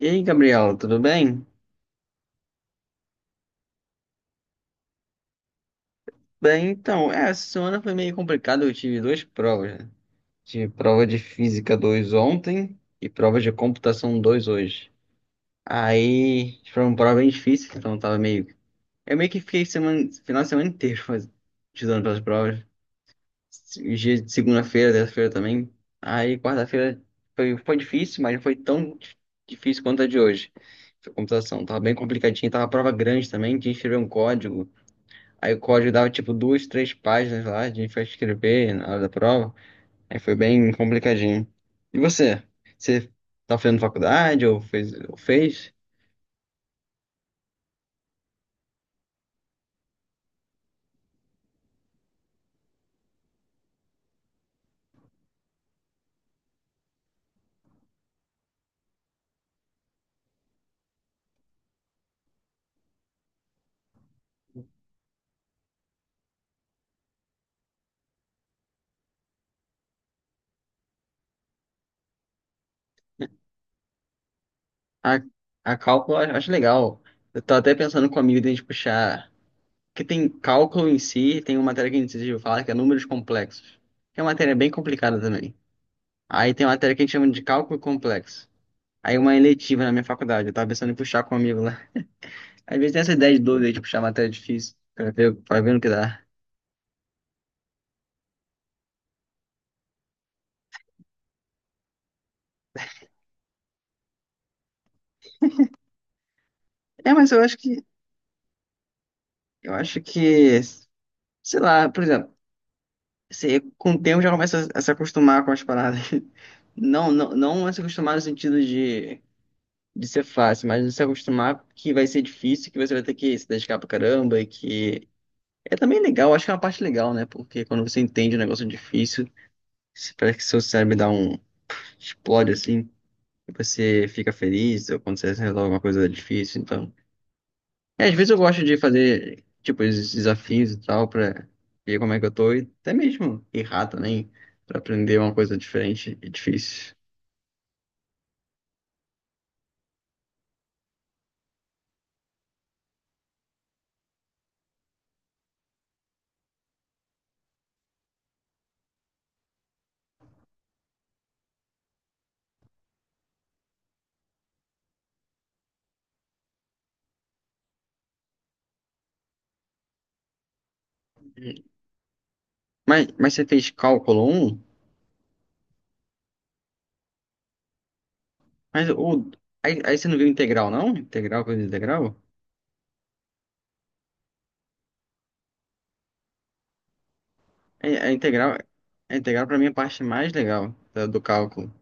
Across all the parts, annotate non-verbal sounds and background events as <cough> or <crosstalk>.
E aí, Gabriela, tudo bem? Bem, então, essa semana foi meio complicado, eu tive duas provas, né? Tive prova de Física 2 ontem e prova de Computação 2 hoje. Aí, foi uma prova bem difícil, então eu tava meio. Eu meio que fiquei semana, final de semana inteiro estudando para as provas. Os dias de segunda-feira, terça-feira também. Aí, quarta-feira foi difícil, mas não foi difícil quanto a de hoje. Foi Computação, tava bem complicadinho, tava prova grande também, tinha que escrever um código. Aí o código dava tipo duas, três páginas lá, a gente foi escrever na hora da prova. Aí foi bem complicadinho. E você? Você tá fazendo faculdade ou fez? Ou fez? A, a cálculo eu acho legal. Eu tô até pensando com a amigo de a gente puxar. Que tem cálculo em si, tem uma matéria que a gente decidiu falar que é números complexos. Que é uma matéria bem complicada também. Aí tem uma matéria que a gente chama de cálculo complexo. Aí uma eletiva na minha faculdade, eu tava pensando em puxar com um amigo lá. Às vezes tem essa ideia de doido aí de puxar matéria difícil, pra ver no que dá. É, mas eu acho que, eu acho que, sei lá, por exemplo, você com o tempo já começa a se acostumar com as paradas. <laughs> Não a se acostumar no sentido de ser fácil, mas de se acostumar que vai ser difícil, que você vai ter que se dedicar pra caramba e que é também legal, acho que é uma parte legal, né? Porque quando você entende um negócio difícil, parece que seu cérebro dá um explode assim, e você fica feliz, ou quando você resolve alguma coisa difícil, então. É, às vezes eu gosto de fazer, tipo, esses desafios e tal, pra ver como é que eu tô, e até mesmo errar também, pra aprender uma coisa diferente e difícil. Mas você fez cálculo um. Mas o, aí você não viu integral, não? Integral, coisa de integral? É, a integral pra mim é a parte mais legal do cálculo,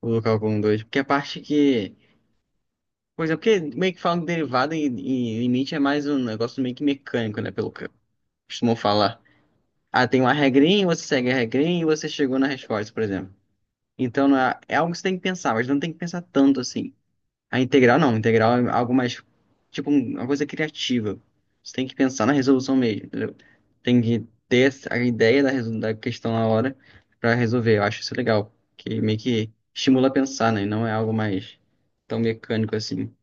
ou do cálculo 1, 2, porque é a parte que, pois é, porque meio que falam de derivada e limite é mais um negócio meio que mecânico, né, pelo que costumam falar. Ah, tem uma regrinha, você segue a regrinha e você chegou na resposta, por exemplo. Então não é, é algo que você tem que pensar, mas não tem que pensar tanto assim. A integral não, a integral é algo mais, tipo, uma coisa criativa. Você tem que pensar na resolução mesmo, entendeu? Tem que ter a ideia da questão na hora pra resolver. Eu acho isso legal, que meio que estimula a pensar, né? E não é algo mais tão mecânico assim.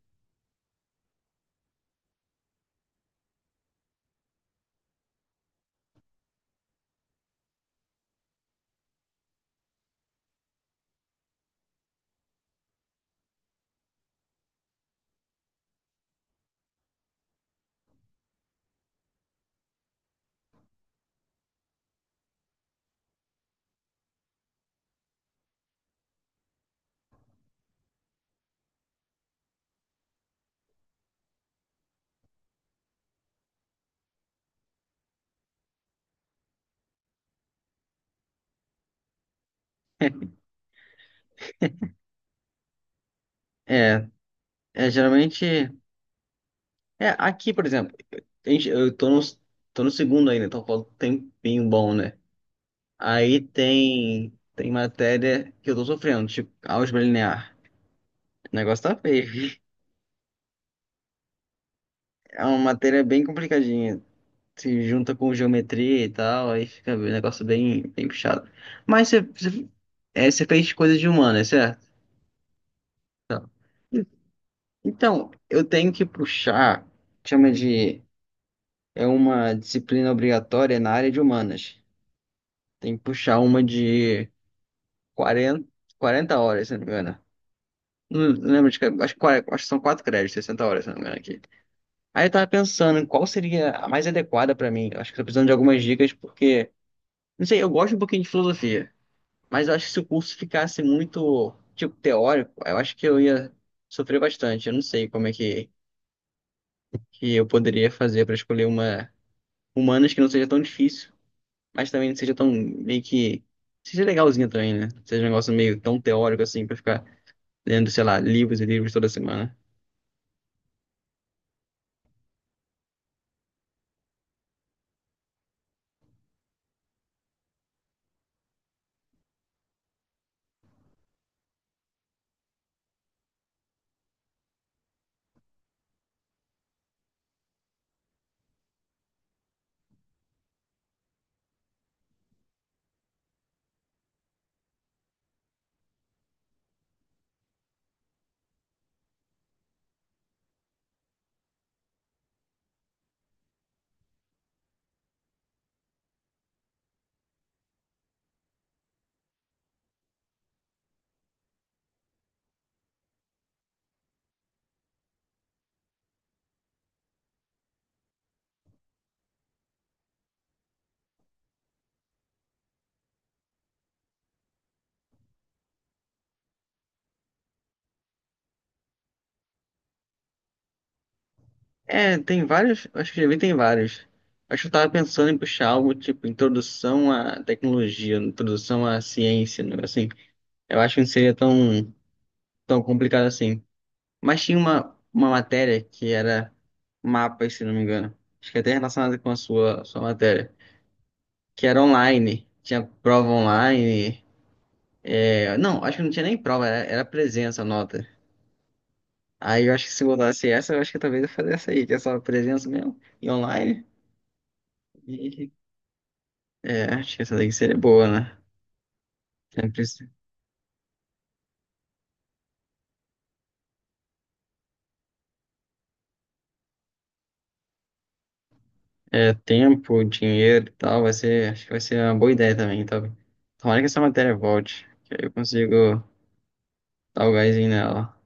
<laughs> É, é geralmente. É, aqui, por exemplo, eu tô no segundo ainda, então falta um tempinho bom, né? Aí tem matéria que eu tô sofrendo, tipo álgebra linear. O negócio tá feio. <laughs> É uma matéria bem complicadinha. Se junta com geometria e tal, aí fica um negócio bem puxado. Mas você fez coisa de humana, é certo? Então, eu tenho que puxar, chama de, é uma disciplina obrigatória na área de humanas. Tem que puxar uma de quarenta quarenta horas, se não me engano. Não, não lembro acho, acho que são 4 créditos, 60 horas, se não me engano aqui. Aí eu tava pensando em qual seria a mais adequada pra mim. Eu acho que tô precisando de algumas dicas, porque, não sei, eu gosto um pouquinho de filosofia, mas eu acho que se o curso ficasse muito, tipo, teórico, eu acho que eu ia sofrer bastante. Eu não sei como é que eu poderia fazer pra escolher uma humanas que não seja tão difícil, mas também não seja tão meio que. Seja legalzinha também, né? Seja um negócio meio tão teórico assim, pra ficar lendo, sei lá, livros e livros toda semana. É, tem vários, acho que já vi, tem vários. Acho que eu tava pensando em puxar algo tipo introdução à tecnologia, introdução à ciência, né? Assim, eu acho que não seria tão complicado assim. Mas tinha uma matéria que era mapas, se não me engano. Acho que até relacionada com a sua matéria, que era online, tinha prova online. Não, acho que não tinha nem prova, era presença, a nota. Aí eu acho que se botasse essa, eu acho que talvez eu fizesse essa aí, que é só presença mesmo, e online. É, acho que essa daí seria boa, né? Sempre se- é, tempo, dinheiro e tal, vai ser, acho que vai ser uma boa ideia também, tá? Tomara que essa matéria volte, que aí eu consigo dar o gásinho nela.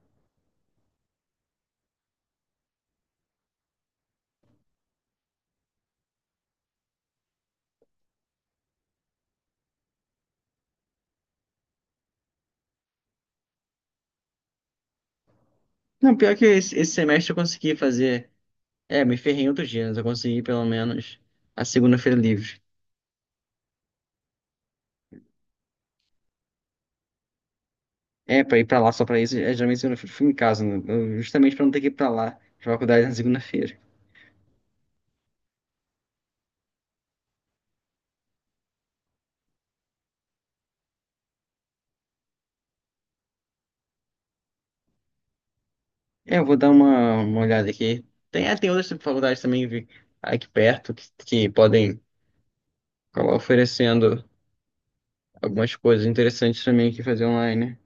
Não, pior que esse semestre eu consegui fazer, é, me ferrei em outros dias, mas eu consegui pelo menos a segunda-feira livre. É, pra ir pra lá só pra isso, é, geralmente segunda-feira eu fico em casa, né? Justamente pra não ter que ir pra lá, pra faculdade na segunda-feira. É, eu vou dar uma olhada aqui. Tem outras faculdades também aqui perto que podem acaba oferecendo algumas coisas interessantes também que fazer online.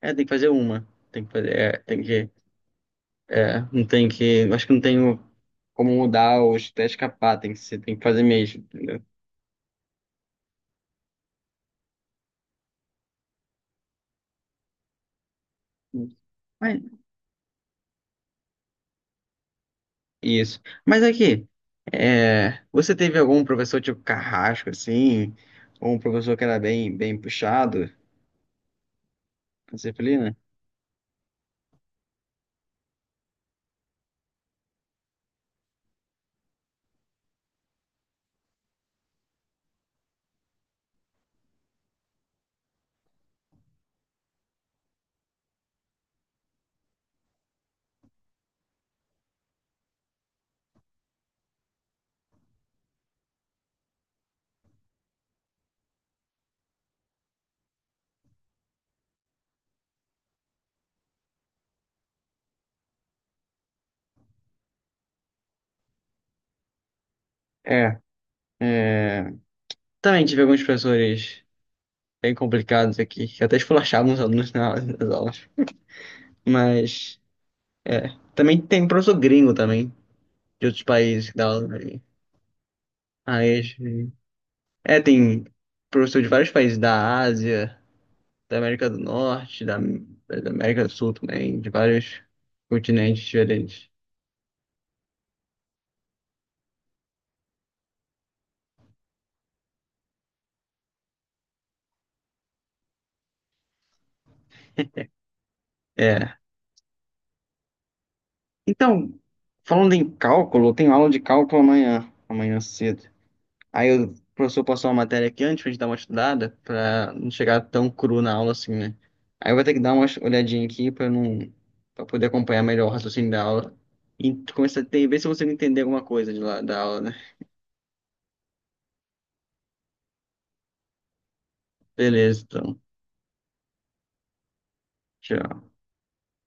É, tem que fazer uma. Tem que fazer, é, tem que, é, não tem que, acho que não tenho como mudar ou até escapar, tem que ser, tem que fazer mesmo, entendeu? Mas, isso. Mas aqui, é, você teve algum professor tipo carrasco, assim, ou um professor que era bem puxado na disciplina? É, é, também tive alguns professores bem complicados aqui, que até esculachavam os alunos nas aulas. Mas também tem um professor gringo também, de outros países que dá aula. Acho é, tem professor de vários países da Ásia, da América do Norte, da América do Sul também, de vários continentes diferentes. É. Então, falando em cálculo, eu tenho aula de cálculo amanhã, amanhã cedo. Aí o professor passou uma matéria aqui antes pra gente dar uma estudada, pra não chegar tão cru na aula assim, né? Aí eu vou ter que dar uma olhadinha aqui pra não, para poder acompanhar melhor o raciocínio da aula e começar a ver se eu consigo entender alguma coisa de lá da aula, né? Beleza, então. Tchau.